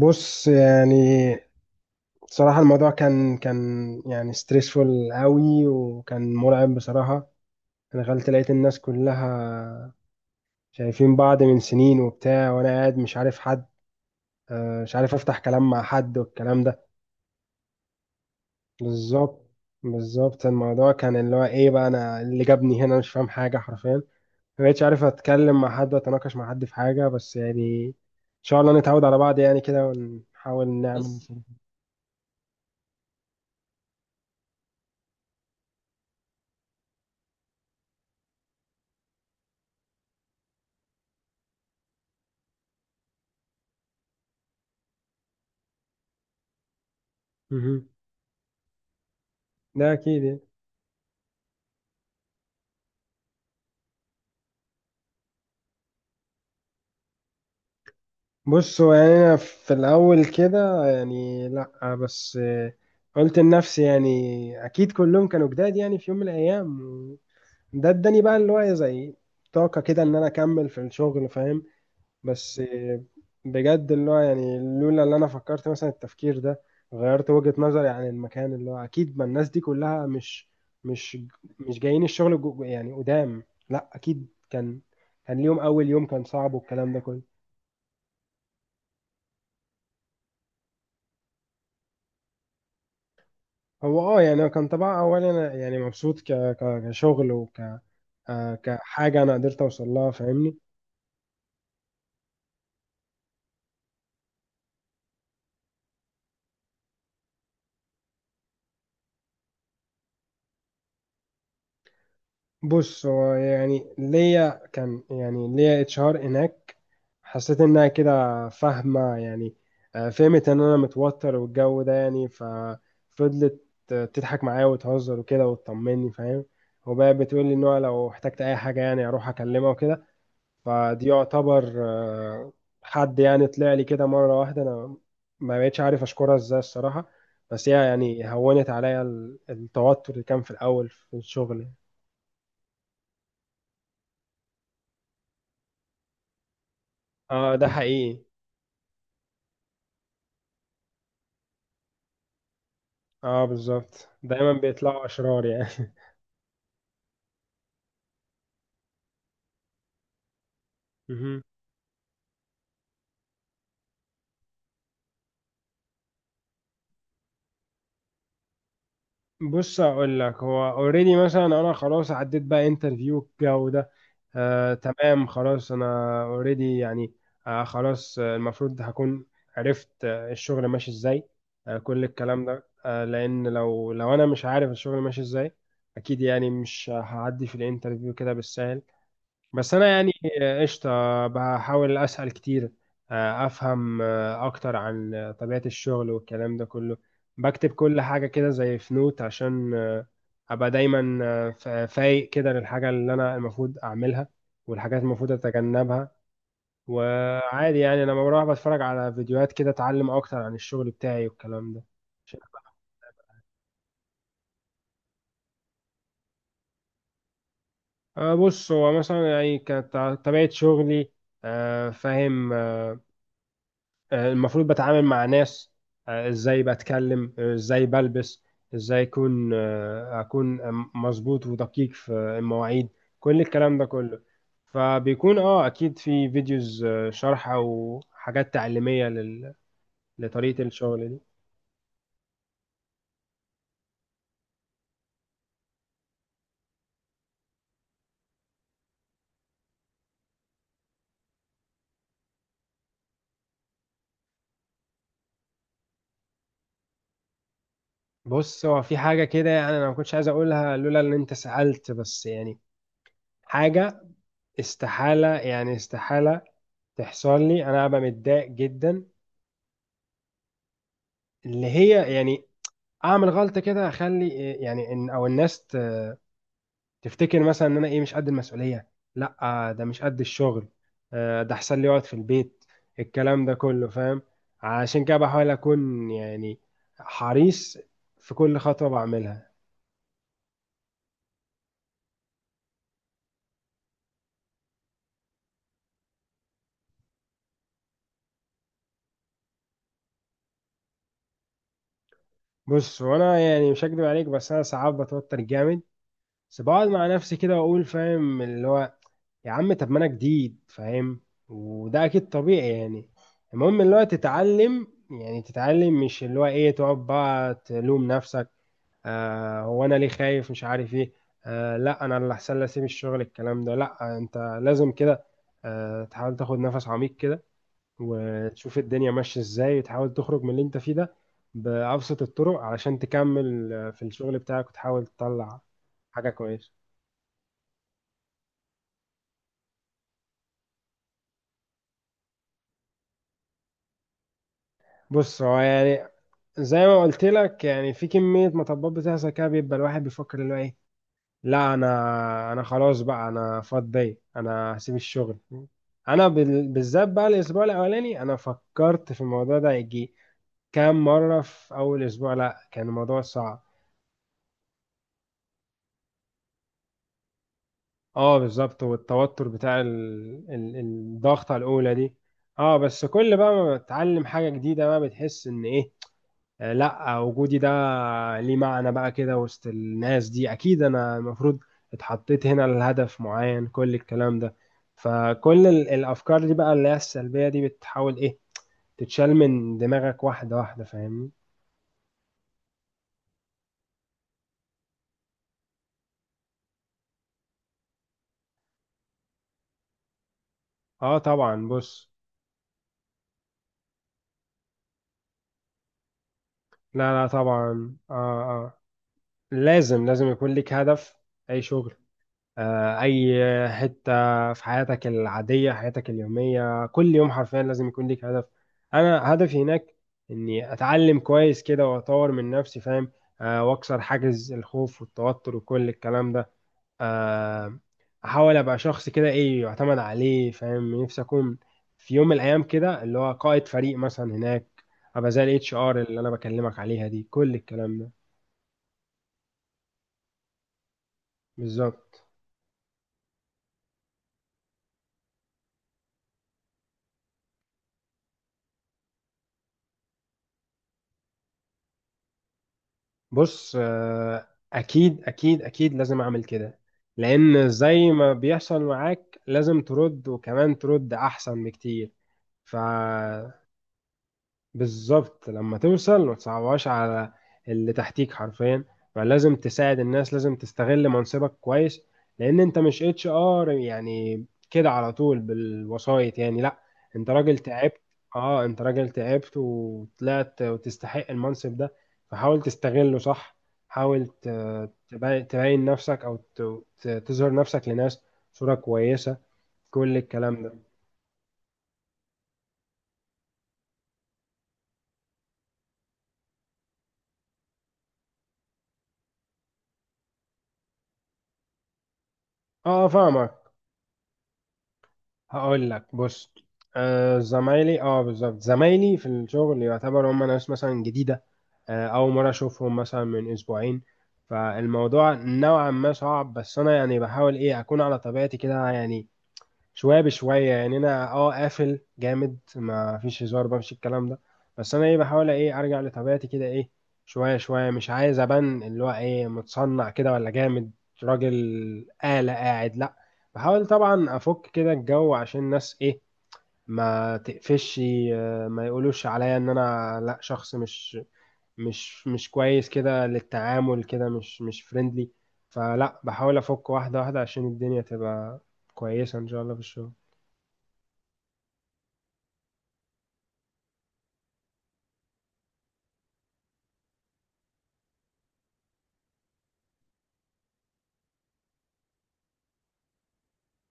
بص، يعني بصراحة الموضوع كان يعني ستريسفول قوي، وكان مرعب بصراحة. أنا دخلت، لقيت الناس كلها شايفين بعض من سنين وبتاع، وأنا قاعد مش عارف حد، مش عارف أفتح كلام مع حد والكلام ده. بالظبط، بالظبط الموضوع كان اللي هو إيه بقى، أنا اللي جابني هنا مش فاهم حاجة حرفيا. ما بقتش عارف أتكلم مع حد وأتناقش مع حد في حاجة، بس يعني إن شاء الله نتعود على بعض يعني كده، ونحاول نعمل بس مصاري. مهم. ده أكيد يعني. بص، هو يعني أنا في الأول كده يعني لأ، بس قلت لنفسي يعني أكيد كلهم كانوا جداد يعني في يوم من الأيام. ده اداني بقى اللي هو إيه، زي طاقة كده إن أنا أكمل في الشغل، فاهم. بس بجد اللي هو يعني لولا اللي أنا فكرت مثلا التفكير ده غيرت وجهة نظري عن المكان اللي هو أكيد ما الناس دي كلها مش مش جايين الشغل يعني قدام. لأ أكيد كان ليهم أول يوم كان صعب والكلام ده كله. هو يعني هو كان طبعا اولا انا يعني مبسوط كشغل وك آه، كحاجه انا قدرت اوصل لها، فاهمني. بص، هو يعني ليا كان، يعني ليا اتش ار هناك، حسيت انها كده فاهمه يعني. فهمت ان انا متوتر والجو ده يعني، ففضلت تضحك معايا وتهزر وكده وتطمني، فاهم. وبقى بتقول لي ان هو لو احتجت اي حاجه يعني اروح اكلمها وكده. فدي يعتبر حد يعني طلع لي كده مرة واحدة، أنا ما بقتش عارف أشكرها إزاي الصراحة. بس هي يعني هونت عليا التوتر اللي كان في الأول في الشغل. اه، ده حقيقي. اه بالظبط، دايما بيطلعوا أشرار يعني مهم. بص، اقول لك هو اوريدي مثلا انا خلاص عديت بقى انترفيو الجو ده. تمام، خلاص انا اوريدي يعني. خلاص، المفروض هكون عرفت الشغل ماشي ازاي، كل الكلام ده، لان لو انا مش عارف الشغل ماشي ازاي اكيد يعني مش هعدي في الانترفيو كده بالسهل. بس انا يعني قشطه، بحاول اسال كتير، افهم اكتر عن طبيعه الشغل والكلام ده كله. بكتب كل حاجه كده زي في نوت عشان ابقى دايما فايق كده للحاجه اللي انا المفروض اعملها والحاجات المفروض اتجنبها. وعادي يعني انا لما بروح بتفرج على فيديوهات كده، اتعلم اكتر عن الشغل بتاعي والكلام ده. عشان أبقى- بص، هو مثلا يعني كانت طبيعه شغلي، فاهم. المفروض بتعامل مع ناس، ازاي بتكلم، ازاي بلبس، ازاي اكون مظبوط ودقيق في المواعيد، كل الكلام ده كله. فبيكون اكيد في فيديوز شرح او حاجات تعليمية لطريقة الشغل دي. بص، هو في حاجة كده يعني انا ما كنتش عايز اقولها لولا ان انت سألت، بس يعني حاجة استحالة، يعني استحالة تحصل لي انا ابقى متضايق جدا. اللي هي يعني اعمل غلطه كده اخلي إيه يعني ان او الناس تفتكر مثلا ان انا ايه مش قد المسؤوليه، لا ده مش قد الشغل، ده احسن لي اقعد في البيت، الكلام ده كله، فاهم. عشان كده بحاول اكون يعني حريص في كل خطوه بعملها. بص، وانا يعني مش هكدب عليك، بس انا ساعات بتوتر جامد، بس بقعد مع نفسي كده واقول فاهم اللي هو يا عم طب ما انا جديد، فاهم. وده اكيد طبيعي يعني. المهم اللي هو تتعلم، يعني تتعلم، مش اللي هو ايه تقعد بقى تلوم نفسك. هو انا ليه خايف مش عارف ايه، لا انا اللي احسن لي اسيب الشغل الكلام ده، لا، انت لازم كده تحاول تاخد نفس عميق كده، وتشوف الدنيا ماشية ازاي، وتحاول تخرج من اللي انت فيه ده بأبسط الطرق علشان تكمل في الشغل بتاعك وتحاول تطلع حاجة كويسة. بص، هو يعني زي ما قلت لك يعني في كمية مطبات بتحصل كده، بيبقى الواحد بيفكر اللي هو ايه، لا انا خلاص بقى انا فاضي انا هسيب الشغل. انا بالذات بقى الاسبوع الاولاني انا فكرت في الموضوع ده يجي كام مرة في اول اسبوع، لا كان الموضوع صعب. اه بالظبط، والتوتر بتاع الضغطة الاولى دي. اه بس كل بقى ما بتتعلم حاجة جديدة بقى بتحس ان ايه، لا وجودي ده ليه معنى بقى كده وسط الناس دي، اكيد انا المفروض اتحطيت هنا لهدف معين، كل الكلام ده. فكل الافكار دي بقى اللي هي السلبية دي بتحاول ايه تتشال من دماغك واحدة واحدة، فاهمني. اه طبعا بص. لا لا طبعا اه، اه لازم، لازم يكون ليك هدف. اي شغل، اي حته في حياتك العاديه، حياتك اليوميه، كل يوم حرفيا لازم يكون ليك هدف. انا هدفي هناك اني اتعلم كويس كده واطور من نفسي، فاهم. واكسر حاجز الخوف والتوتر وكل الكلام ده. آه، احاول ابقى شخص كده ايه يعتمد عليه، فاهم نفسي اكون في يوم من الايام كده اللي هو قائد فريق مثلا هناك، ابقى زي الاتش ار اللي انا بكلمك عليها دي، كل الكلام ده. بالظبط. بص، اكيد اكيد اكيد لازم اعمل كده، لان زي ما بيحصل معاك لازم ترد وكمان ترد احسن بكتير. ف بالظبط لما توصل ما تصعبهاش على اللي تحتيك حرفيا، فلازم تساعد الناس، لازم تستغل منصبك كويس، لان انت مش اتش ار يعني كده على طول بالوسايط يعني لا، انت راجل تعبت، اه انت راجل تعبت وطلعت وتستحق المنصب ده، فحاول تستغله صح. حاول تبين نفسك، او تظهر نفسك لناس صورة كويسة، كل الكلام ده. اه فاهمك، هقول لك بص. آه زمايلي اه بالظبط، زمايلي في الشغل يعتبر هم ناس مثلا جديدة، أول مرة أشوفهم مثلا من أسبوعين. فالموضوع نوعا ما صعب، بس أنا يعني بحاول إيه أكون على طبيعتي كده يعني. شويه بشويه يعني انا قافل جامد ما فيش هزار بقى مفيش الكلام ده. بس انا ايه بحاول ايه ارجع لطبيعتي كده ايه. شويه شويه مش عايز ابان اللي هو ايه متصنع كده ولا جامد، راجل آلة قاعد، لا، بحاول طبعا افك كده الجو عشان الناس ايه ما تقفش، ما يقولوش عليا ان انا لا شخص مش كويس كده للتعامل، كده مش فريندلي. فلا بحاول افك واحده واحده عشان الدنيا تبقى كويسه ان شاء الله في الشغل.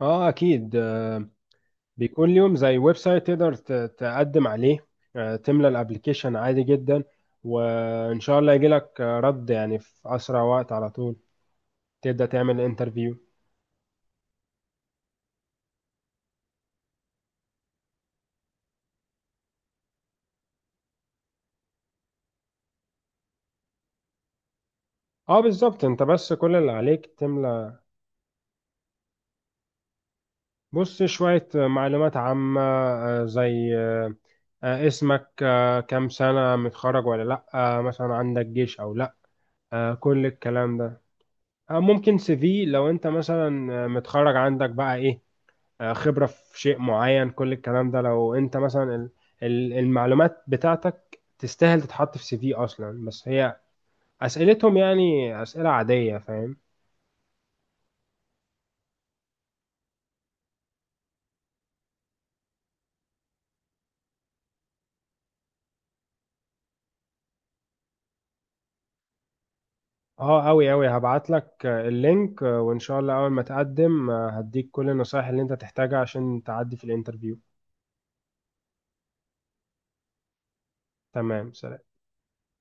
اه اكيد، بيكون ليهم زي ويب سايت تقدر تقدم عليه، تملى الابليكيشن عادي جدا، وان شاء الله يجي لك رد يعني في اسرع وقت، على طول تبدا تعمل انترفيو. اه بالظبط، انت بس كل اللي عليك تملى. بص، شويه معلومات عامه زي اسمك، كام سنه متخرج ولا لا، مثلا عندك جيش او لا، كل الكلام ده. ممكن سي في لو انت مثلا متخرج عندك بقى ايه، خبرة في شيء معين، كل الكلام ده لو انت مثلا المعلومات بتاعتك تستاهل تتحط في سي في اصلا، بس هي اسئلتهم يعني اسئلة عادية، فاهم. اه اوي اوي هبعت لك اللينك، وان شاء الله اول ما تقدم هديك كل النصايح اللي انت تحتاجها عشان تعدي في الانترفيو. تمام، سلام.